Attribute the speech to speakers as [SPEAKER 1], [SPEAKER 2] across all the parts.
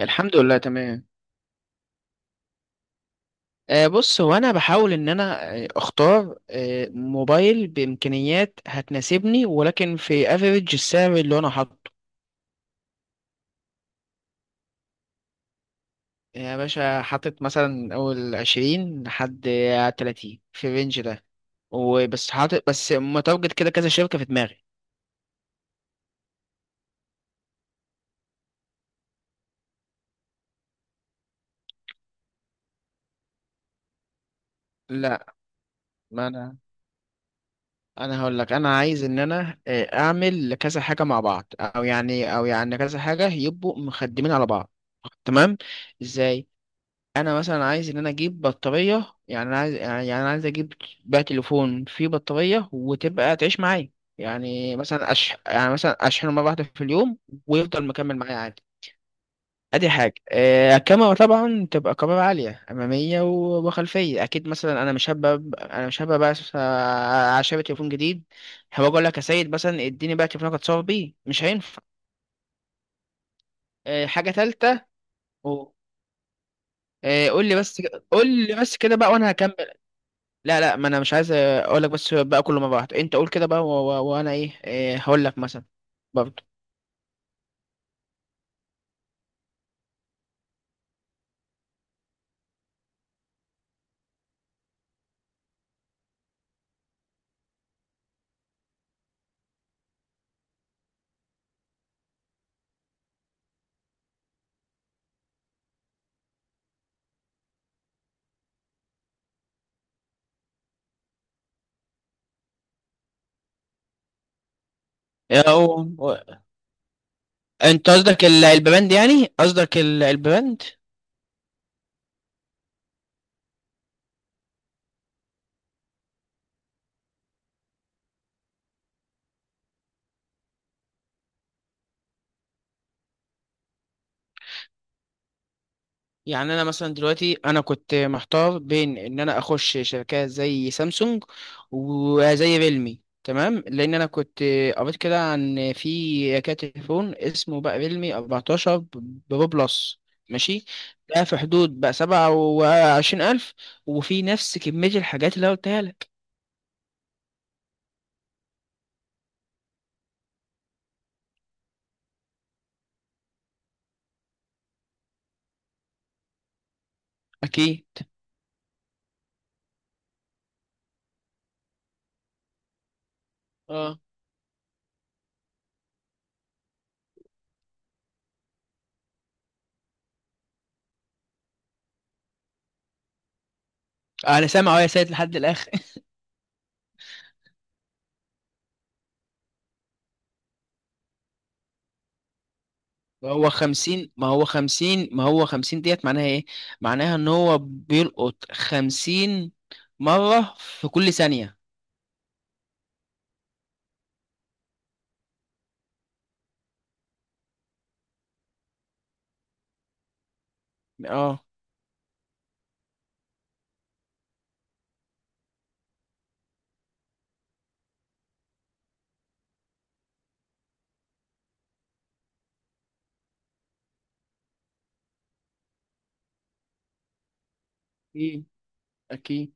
[SPEAKER 1] الحمد لله، تمام. آه بص، هو انا بحاول ان انا اختار موبايل بامكانيات هتناسبني، ولكن في افريج السعر اللي انا حاطه. يعني يا باشا، حاطط مثلا اول 20 لحد 30 في الرينج ده. وبس حاطط بس متواجد كده كذا شركة في دماغي. لا. ما انا هقول لك، انا عايز ان انا اعمل كذا حاجة مع بعض، او يعني كذا حاجة يبقوا مخدمين على بعض. تمام. ازاي. انا مثلا عايز ان انا اجيب بطاريه، يعني انا عايز اجيب بقى تليفون فيه بطاريه وتبقى تعيش معايا. يعني مثلا يعني مثلا اشحنه مره واحده في اليوم، ويفضل مكمل معايا عادي. ادي حاجه. الكاميرا طبعا تبقى كاميرا عاليه اماميه و- وخلفيه اكيد. مثلا انا مش هبقى بس، عشان تليفون جديد هبقى اقول لك يا سيد مثلا اديني بقى تليفونك اتصور بيه، مش هينفع. حاجه ثالثه. قول لي بس قول لي بس كده بقى وانا هكمل. لا لا، ما انا مش عايز اقول لك بس بقى كله، ما بعد انت قول كده بقى، و- و- وانا إيه هقول لك مثلا برضه. أو... انت قصدك البند، يعني قصدك البند. يعني انا مثلا دلوقتي انا كنت محتار بين ان انا اخش شركات زي سامسونج وزي ريلمي. تمام، لان انا كنت قريت كده عن في تليفون اسمه بقى ريلمي 14 برو بلس، ماشي. ده في حدود بقى 27 ألف، وفي نفس كمية الحاجات اللي أنا قلتها لك. أكيد. اه. أنا سامع أهو يا سيد، لحد الآخر. ما هو خمسين، ديت معناها ايه؟ معناها ان هو بيلقط خمسين مرة في كل ثانية. اه. اكيد، اكيد.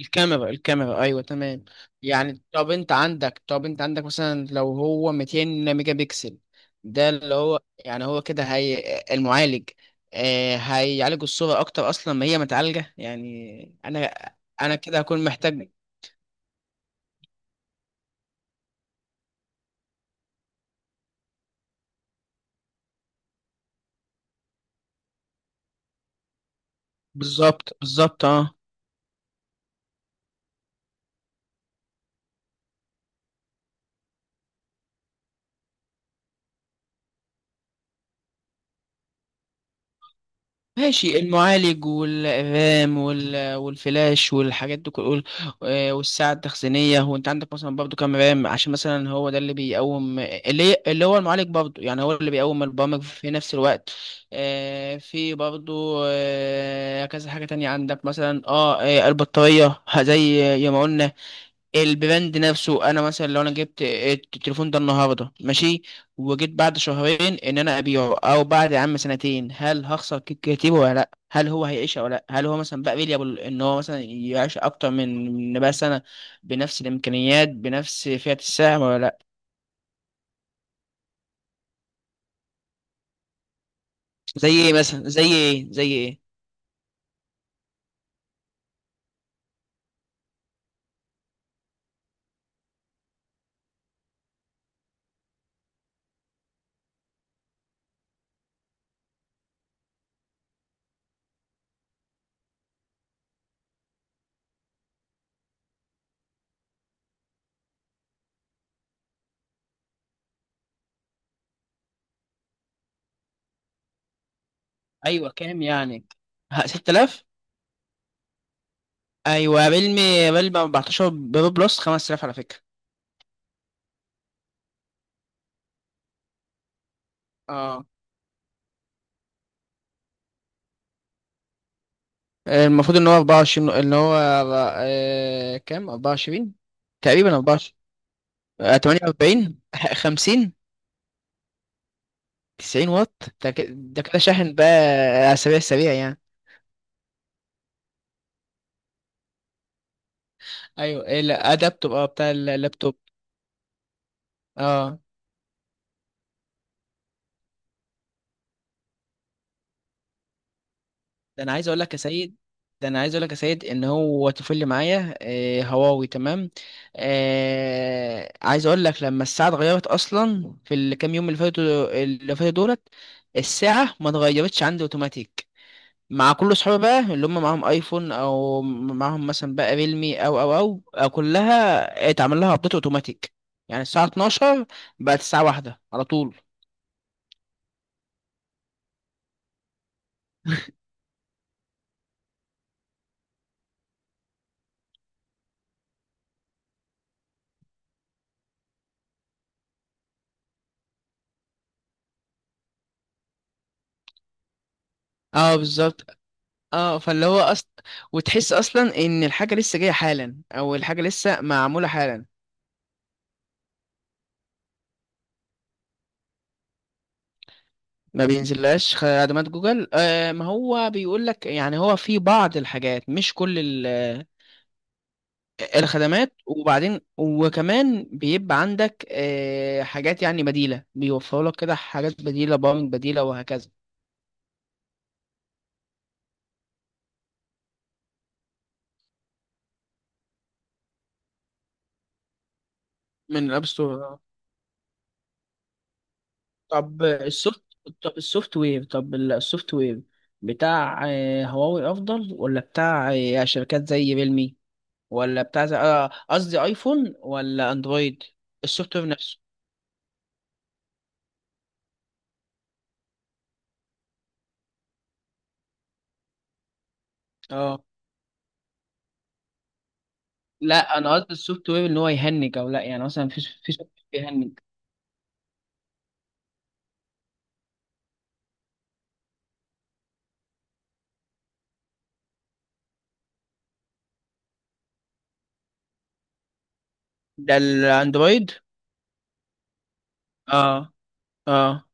[SPEAKER 1] الكاميرا، ايوه تمام. يعني طب انت عندك مثلا لو هو 200 ميجا بكسل، ده اللي هو، يعني هو كده هي المعالج هيعالج الصورة اكتر، اصلا ما هي متعالجة. يعني انا كده هكون محتاج. بالظبط، بالظبط، اه. ماشي. المعالج والرام وال- والفلاش والحاجات دي كل، والساعة التخزينية. هو انت عندك مثلا برضو كام رام، عشان مثلا هو ده اللي بيقوم، اللي هو المعالج برضو، يعني هو اللي بيقوم البرامج في نفس الوقت. في برضو كذا حاجة تانية عندك مثلا، البطارية، زي ما قلنا. البراند نفسه، انا مثلا لو انا جبت التليفون ده النهارده، ماشي، وجيت بعد شهرين ان انا ابيعه، او بعد يا عم سنتين، هل هخسر كتير ولا لا؟ هل هو هيعيش ولا لا؟ هل هو مثلا بقى فيليبل ان هو مثلا يعيش اكتر من بقى سنه، بنفس الامكانيات، بنفس فئه السعر ولا لا؟ زي ايه مثلا زي ايه زي ايه؟ ايوه كام يعني؟ 6000. ايوه، ريلمي 14 برو بلس 5000 على فكره. اه، المفروض ان هو 24، ان هو كام، 24. تقريبا 24. 48، 50. 90 واط، ده كده، شاحن بقى. على سريع سريع يعني. ايوه، ايه، لا، ادابتور، اه، بتاع اللابتوب. اه. ده انا عايز اقول لك يا سيد، ده انا عايز اقول لك يا سيد، ان هو طفل اللي معايا، هواوي. تمام. آه، عايز اقول لك لما الساعه اتغيرت اصلا في الكام يوم، اللي فاتوا دولت، الساعه ما اتغيرتش عندي اوتوماتيك. مع كل صحابي بقى اللي هم معاهم ايفون او معاهم مثلا بقى ريلمي، أو كلها اتعمل لها ابديت اوتوماتيك. يعني الساعه 12 بقت الساعه واحدة على طول. اه، بالظبط. اه، فاللي هو أصل، وتحس اصلا ان الحاجه لسه جايه حالا، او الحاجه لسه معموله حالا. ما بينزلهاش خدمات جوجل. آه، ما هو بيقول لك يعني هو في بعض الحاجات مش كل الخدمات. وبعدين وكمان بيبقى عندك حاجات يعني بديلة، بيوفروا لك كده حاجات بديلة، برامج بديلة وهكذا. من الأب ستور. طب السوفت طب السوفت وير بتاع هواوي أفضل، ولا بتاع شركات زي ريلمي، ولا بتاع قصدي أيفون ولا أندرويد؟ السوفت وير نفسه. اه لا، أنا قصدي السوفت وير إن هو يهنج أو لا، يعني مثلا في سوفت وير بيهنج؟ ده الأندرويد. اه اه،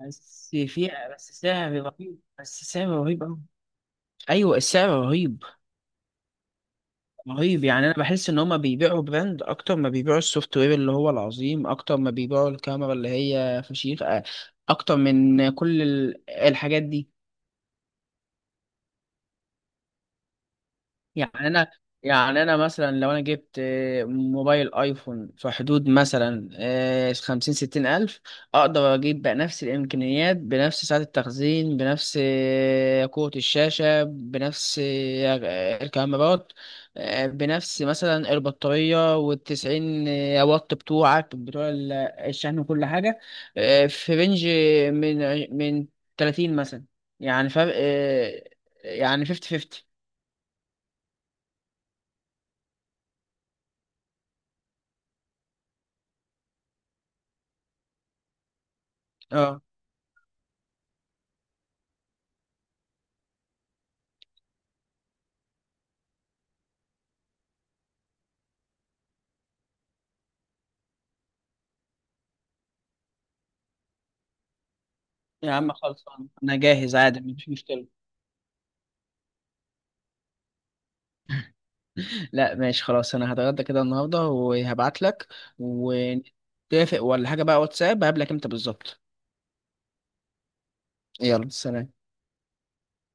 [SPEAKER 1] بس سعر رهيب، بس سعر رهيب أوي. أيوة، السعر رهيب. رهيب يعني. أنا بحس إن هما بيبيعوا براند أكتر ما بيبيعوا السوفت وير اللي هو العظيم، أكتر ما بيبيعوا الكاميرا اللي هي فشيخ، أكتر من كل الحاجات دي. يعني انا يعني انا مثلا لو انا جبت موبايل ايفون في حدود مثلا خمسين ستين الف، اقدر اجيب بقى نفس الامكانيات، بنفس سعة التخزين، بنفس قوة الشاشة، بنفس الكاميرات، بنفس مثلا البطارية والتسعين واط بتوعك، الشحن وكل حاجة. في رينج من 30 مثلا. يعني فرق، يعني فيفتي فيفتي. يا عم خلصان، انا جاهز عادي، مفيش مشكله. لا ماشي خلاص، انا هتغدى كده النهارده وهبعت لك. ونتفق ولا حاجه بقى واتساب، هقابلك امتى بالظبط؟ يلا، سلام.